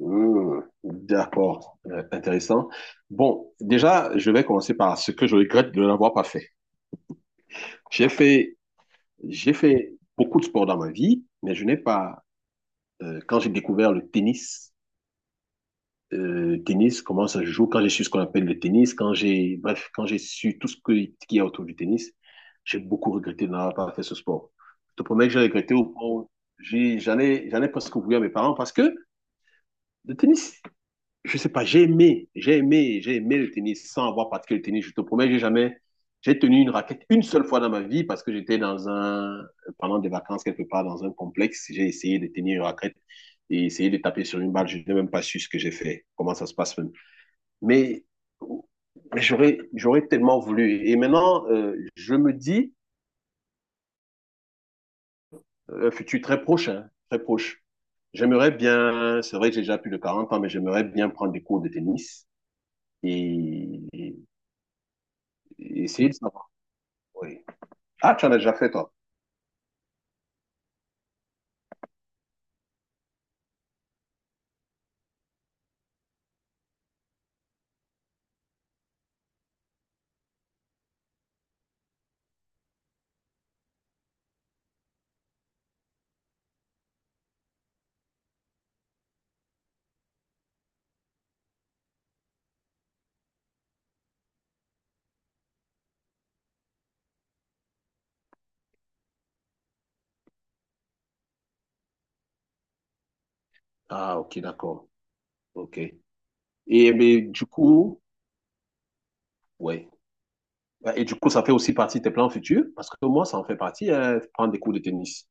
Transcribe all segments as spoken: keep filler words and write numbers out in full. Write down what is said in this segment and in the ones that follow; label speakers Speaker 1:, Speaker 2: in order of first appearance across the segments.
Speaker 1: Mmh, d'accord. Euh, intéressant. Bon, déjà, je vais commencer par ce que je regrette de n'avoir pas fait. J'ai fait, j'ai fait beaucoup de sport dans ma vie, mais je n'ai pas, euh, quand j'ai découvert le tennis, euh, tennis, comment ça se joue, quand j'ai su ce qu'on appelle le tennis, quand j'ai, bref, quand j'ai su tout ce que- qu'il y a autour du tennis, j'ai beaucoup regretté de n'avoir pas fait ce sport. Je te promets que j'ai regretté au point où j'ai- j'allais, j'allais presque ouvrir mes parents parce que le tennis, je sais pas, j'ai aimé, j'ai aimé, j'ai aimé le tennis sans avoir pratiqué le tennis. Je te promets, j'ai jamais, j'ai tenu une raquette une seule fois dans ma vie parce que j'étais dans un, pendant des vacances quelque part dans un complexe, j'ai essayé de tenir une raquette et essayé de taper sur une balle. Je n'ai même pas su ce que j'ai fait, comment ça se passe même. Mais j'aurais, j'aurais tellement voulu. Et maintenant, euh, je me dis, euh, futur très proche, hein, très proche. J'aimerais bien, c'est vrai que j'ai déjà plus de quarante ans, mais j'aimerais bien prendre des cours de tennis. Et essayer de savoir. Oui. Ah, tu en as déjà fait, toi. Ah, ok, d'accord. Ok. Et mais, du coup, ouais. Ouais, et du coup, ça fait aussi partie de tes plans futurs, parce que moi, ça en fait partie, hein, prendre des cours de tennis.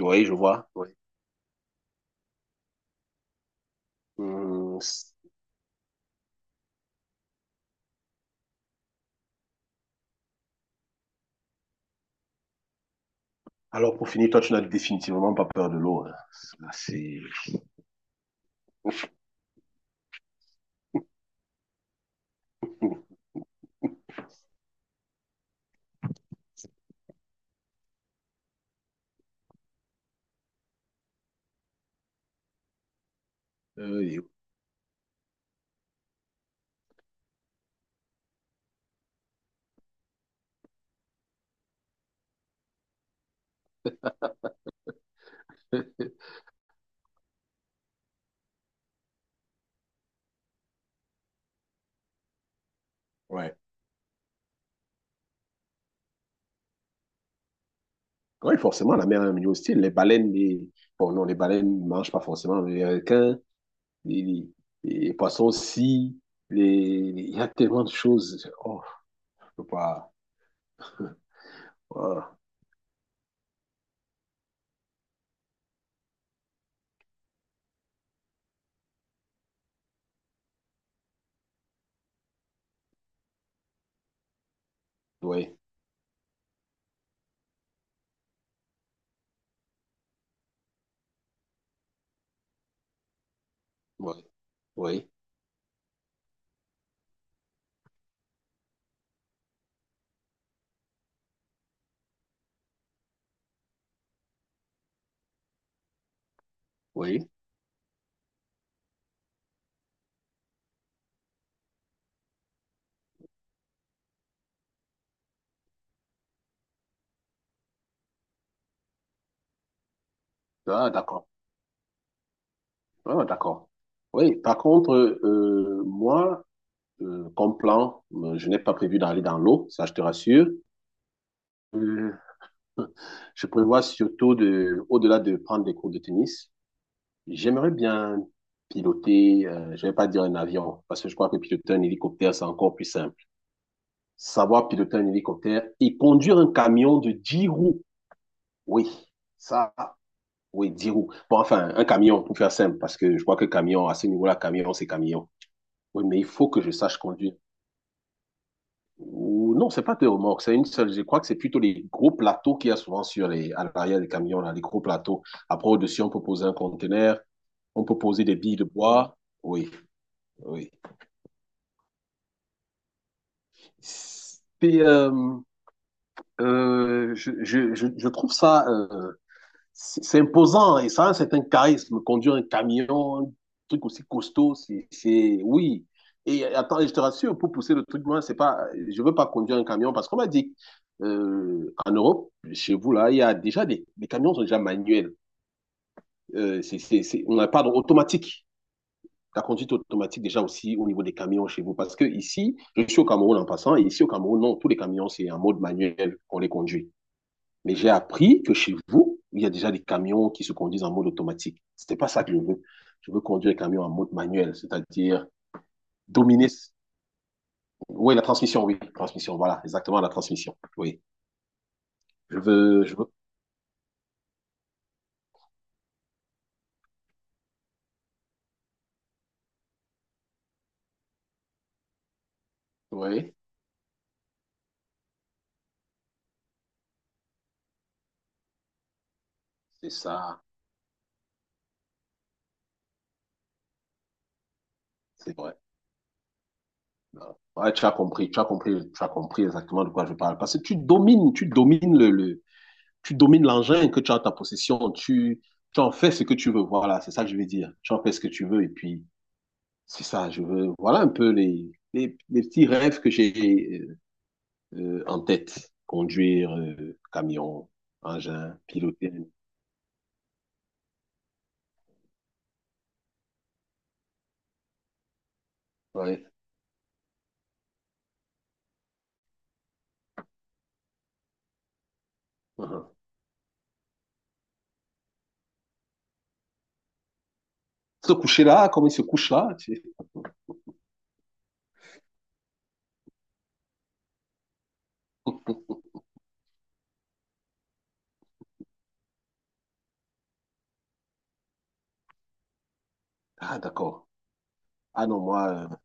Speaker 1: Oui, je vois. Oui. Hum, c- Alors, pour finir, toi, tu n'as définitivement pas peur de l'eau, hein. Ça, c'est. Euh, ouais. Oui, forcément, la mer est un milieu hostile. Les baleines, les... bon, non, les baleines ne mangent pas forcément, mais les requins, les, les- les poissons aussi, les... il y a tellement de choses. Oh, je peux pas. Ah, oui, oui, oui, oui. Ah, d'accord. Ah, d'accord. Oui, par contre, euh, moi, euh, comme plan, euh, je n'ai pas prévu d'aller dans l'eau, ça je te rassure. Euh, je prévois surtout de, au-delà de prendre des cours de tennis. J'aimerais bien piloter, euh, je vais pas dire un avion, parce que je crois que piloter un hélicoptère, c'est encore plus simple. Savoir piloter un hélicoptère et conduire un camion de dix roues. Oui, ça, oui, dix roues. Bon, enfin, un camion, pour faire simple, parce que je crois que camion, à ce niveau-là, camion, c'est camion. Oui, mais il faut que je sache conduire. Ou, non, c'est pas deux remorques, c'est une seule. Je crois que c'est plutôt les gros plateaux qu'il y a souvent sur les, à l'arrière des camions, là, les gros plateaux. Après, au-dessus, on peut poser un conteneur, on peut poser des billes de bois. Oui, oui. c'est, euh, euh, je, je, je, je trouve ça, euh, c'est c'est imposant et ça a un certain charisme. Conduire un camion, un truc aussi costaud, c'est, c'est- oui. Et attends, et je te rassure, pour pousser le truc loin, c'est pas, je veux pas conduire un camion parce qu'on m'a dit euh, en Europe, chez vous là, il y a déjà des, les camions sont déjà manuels. Euh, c'est, c'est, c'est- on n'a pas d'automatique ta conduite automatique déjà aussi au niveau des camions chez vous. Parce que ici, je suis au Cameroun en passant, et ici au Cameroun, non, tous les camions, c'est en mode manuel qu'on les conduit. Mais j'ai appris que chez vous, il y a déjà des camions qui se conduisent en mode automatique. Ce n'est pas ça que je veux. Je veux conduire les camions en mode manuel, c'est-à-dire dominer. Oui, la transmission, oui, transmission, voilà, exactement la transmission. Oui, je veux, je veux. Oui, c'est ça, c'est vrai. Ouais, tu as compris, tu as compris, tu as compris exactement de quoi je parle. Parce que tu domines, tu domines le, le tu domines l'engin que tu as en ta possession. Tu, tu en fais ce que tu veux. Voilà, c'est ça que je veux dire. Tu en fais ce que tu veux. Et puis, c'est ça, je veux. Voilà un peu les, les, les petits rêves que j'ai euh, euh, en tête. Conduire, euh, camion, engin, piloter. Ouais. Uh -huh. Se coucher là, comme il se couche là. tu- Ah, d'accord. Ah non, moi, euh,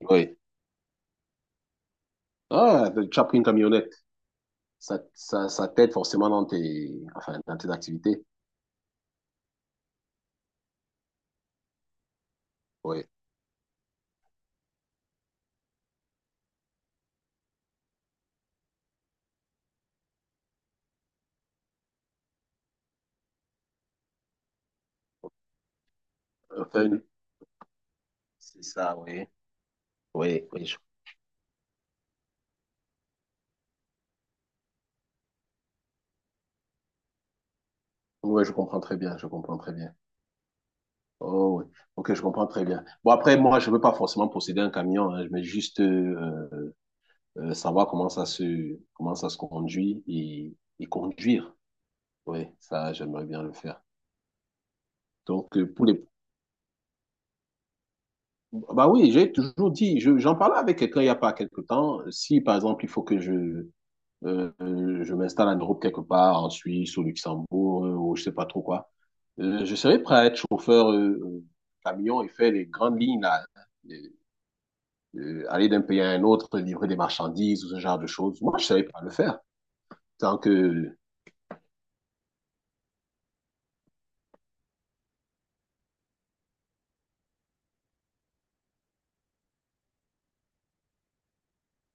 Speaker 1: oui. Ah, tu as pris une camionnette. Ça, ça, ça t'aide forcément dans tes, enfin, dans tes activités. Oui. Enfin, c'est ça, oui. Oui, oui, oui, je comprends très bien, je comprends très bien. Oh, oui. Ok, je comprends très bien. Bon, après, moi, je veux pas forcément posséder un camion, hein, je veux juste euh, euh, savoir comment ça se, comment ça se conduit et, et conduire. Oui, ça, j'aimerais bien le faire. Donc. euh, pour les... Bah oui, j'ai toujours dit, je- j'en parlais avec quelqu'un il y a pas quelque temps. Si, par exemple, il faut que je, Euh, je m'installe en Europe quelque part, en Suisse, au Luxembourg, euh, ou je sais pas trop quoi. Euh, je serais prêt à être chauffeur euh, euh, camion et faire les grandes lignes là, Euh, euh, aller d'un pays à un autre, livrer des marchandises ou ce genre de choses. Moi, je savais pas le faire. Tant que,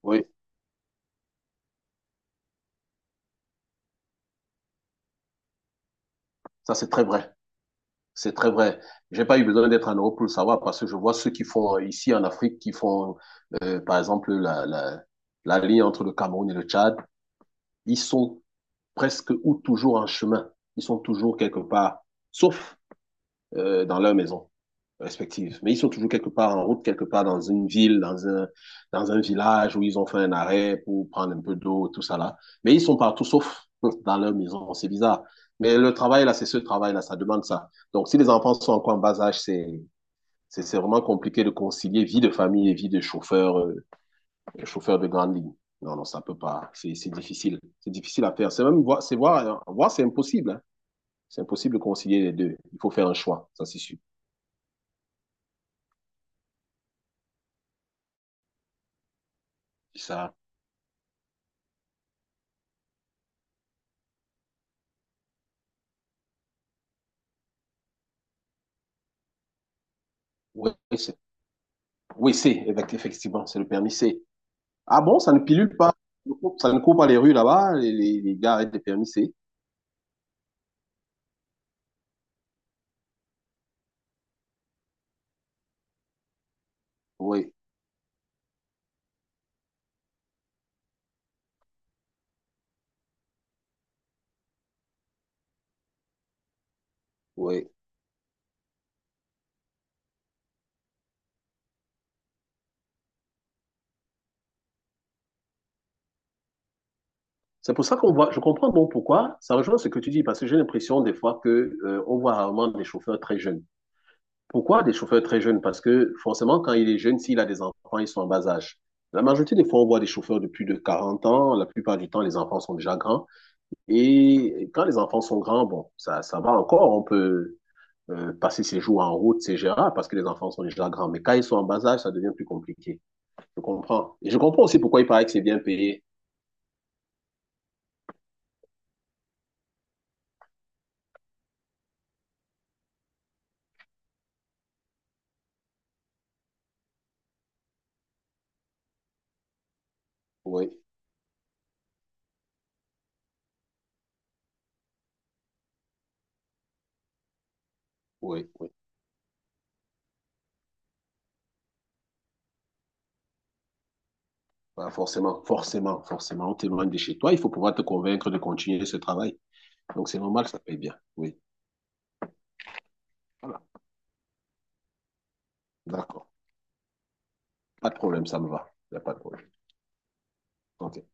Speaker 1: oui, ça c'est très vrai. C'est très vrai. J'ai pas eu besoin d'être en Europe pour le savoir parce que je vois ceux qui font euh, ici en Afrique, qui font, euh, par exemple, la, la, la ligne entre le Cameroun et le Tchad. Ils sont presque ou toujours en chemin. Ils sont toujours quelque part, sauf euh, dans leur maison respective. Mais ils sont toujours quelque part en route, quelque part dans une ville, dans un, dans un village où ils ont fait un arrêt pour prendre un peu d'eau, tout ça là. Mais ils sont partout sauf dans leur maison. C'est bizarre. Mais le travail là, c'est ce travail là, ça demande ça. Donc si les enfants sont encore en bas âge, c'est, c'est, c'est vraiment compliqué de concilier vie de famille et vie de chauffeur euh, chauffeur de grande ligne. Non, non, ça ne peut pas. C'est c'est difficile. C'est difficile à faire. C'est même voir, c'est voir, voir, c'est impossible. Hein. C'est impossible de concilier les deux. Il faut faire un choix, ça c'est sûr. Ça, oui, c'est, oui, c'est, effectivement, c'est le permis C. Ah bon, ça ne pilule pas, ça ne court pas les rues là-bas, les, les, les gars arrêtent les permis C. Oui, oui. C'est pour ça qu'on voit, je comprends bon pourquoi, ça rejoint ce que tu dis, parce que j'ai l'impression des fois que, euh, on voit rarement des chauffeurs très jeunes. Pourquoi des chauffeurs très jeunes? Parce que forcément, quand il est jeune, s'il a des enfants, ils sont en bas âge. La majorité des fois, on voit des chauffeurs de plus de quarante ans. La plupart du temps, les enfants sont déjà grands. Et quand les enfants sont grands, bon, ça, ça va encore. On peut euh, passer ses jours en route, c'est gérable parce que les enfants sont déjà grands. Mais quand ils sont en bas âge, ça devient plus compliqué. Je comprends. Et je comprends aussi pourquoi il paraît que c'est bien payé. Oui, oui, oui. Bah, forcément, forcément, forcément. On t'éloigne de chez toi. Il faut pouvoir te convaincre de continuer ce travail. Donc, c'est normal, ça paye bien. Oui. Voilà. D'accord. Pas de problème, ça me va. Il n'y a pas de problème. Ok.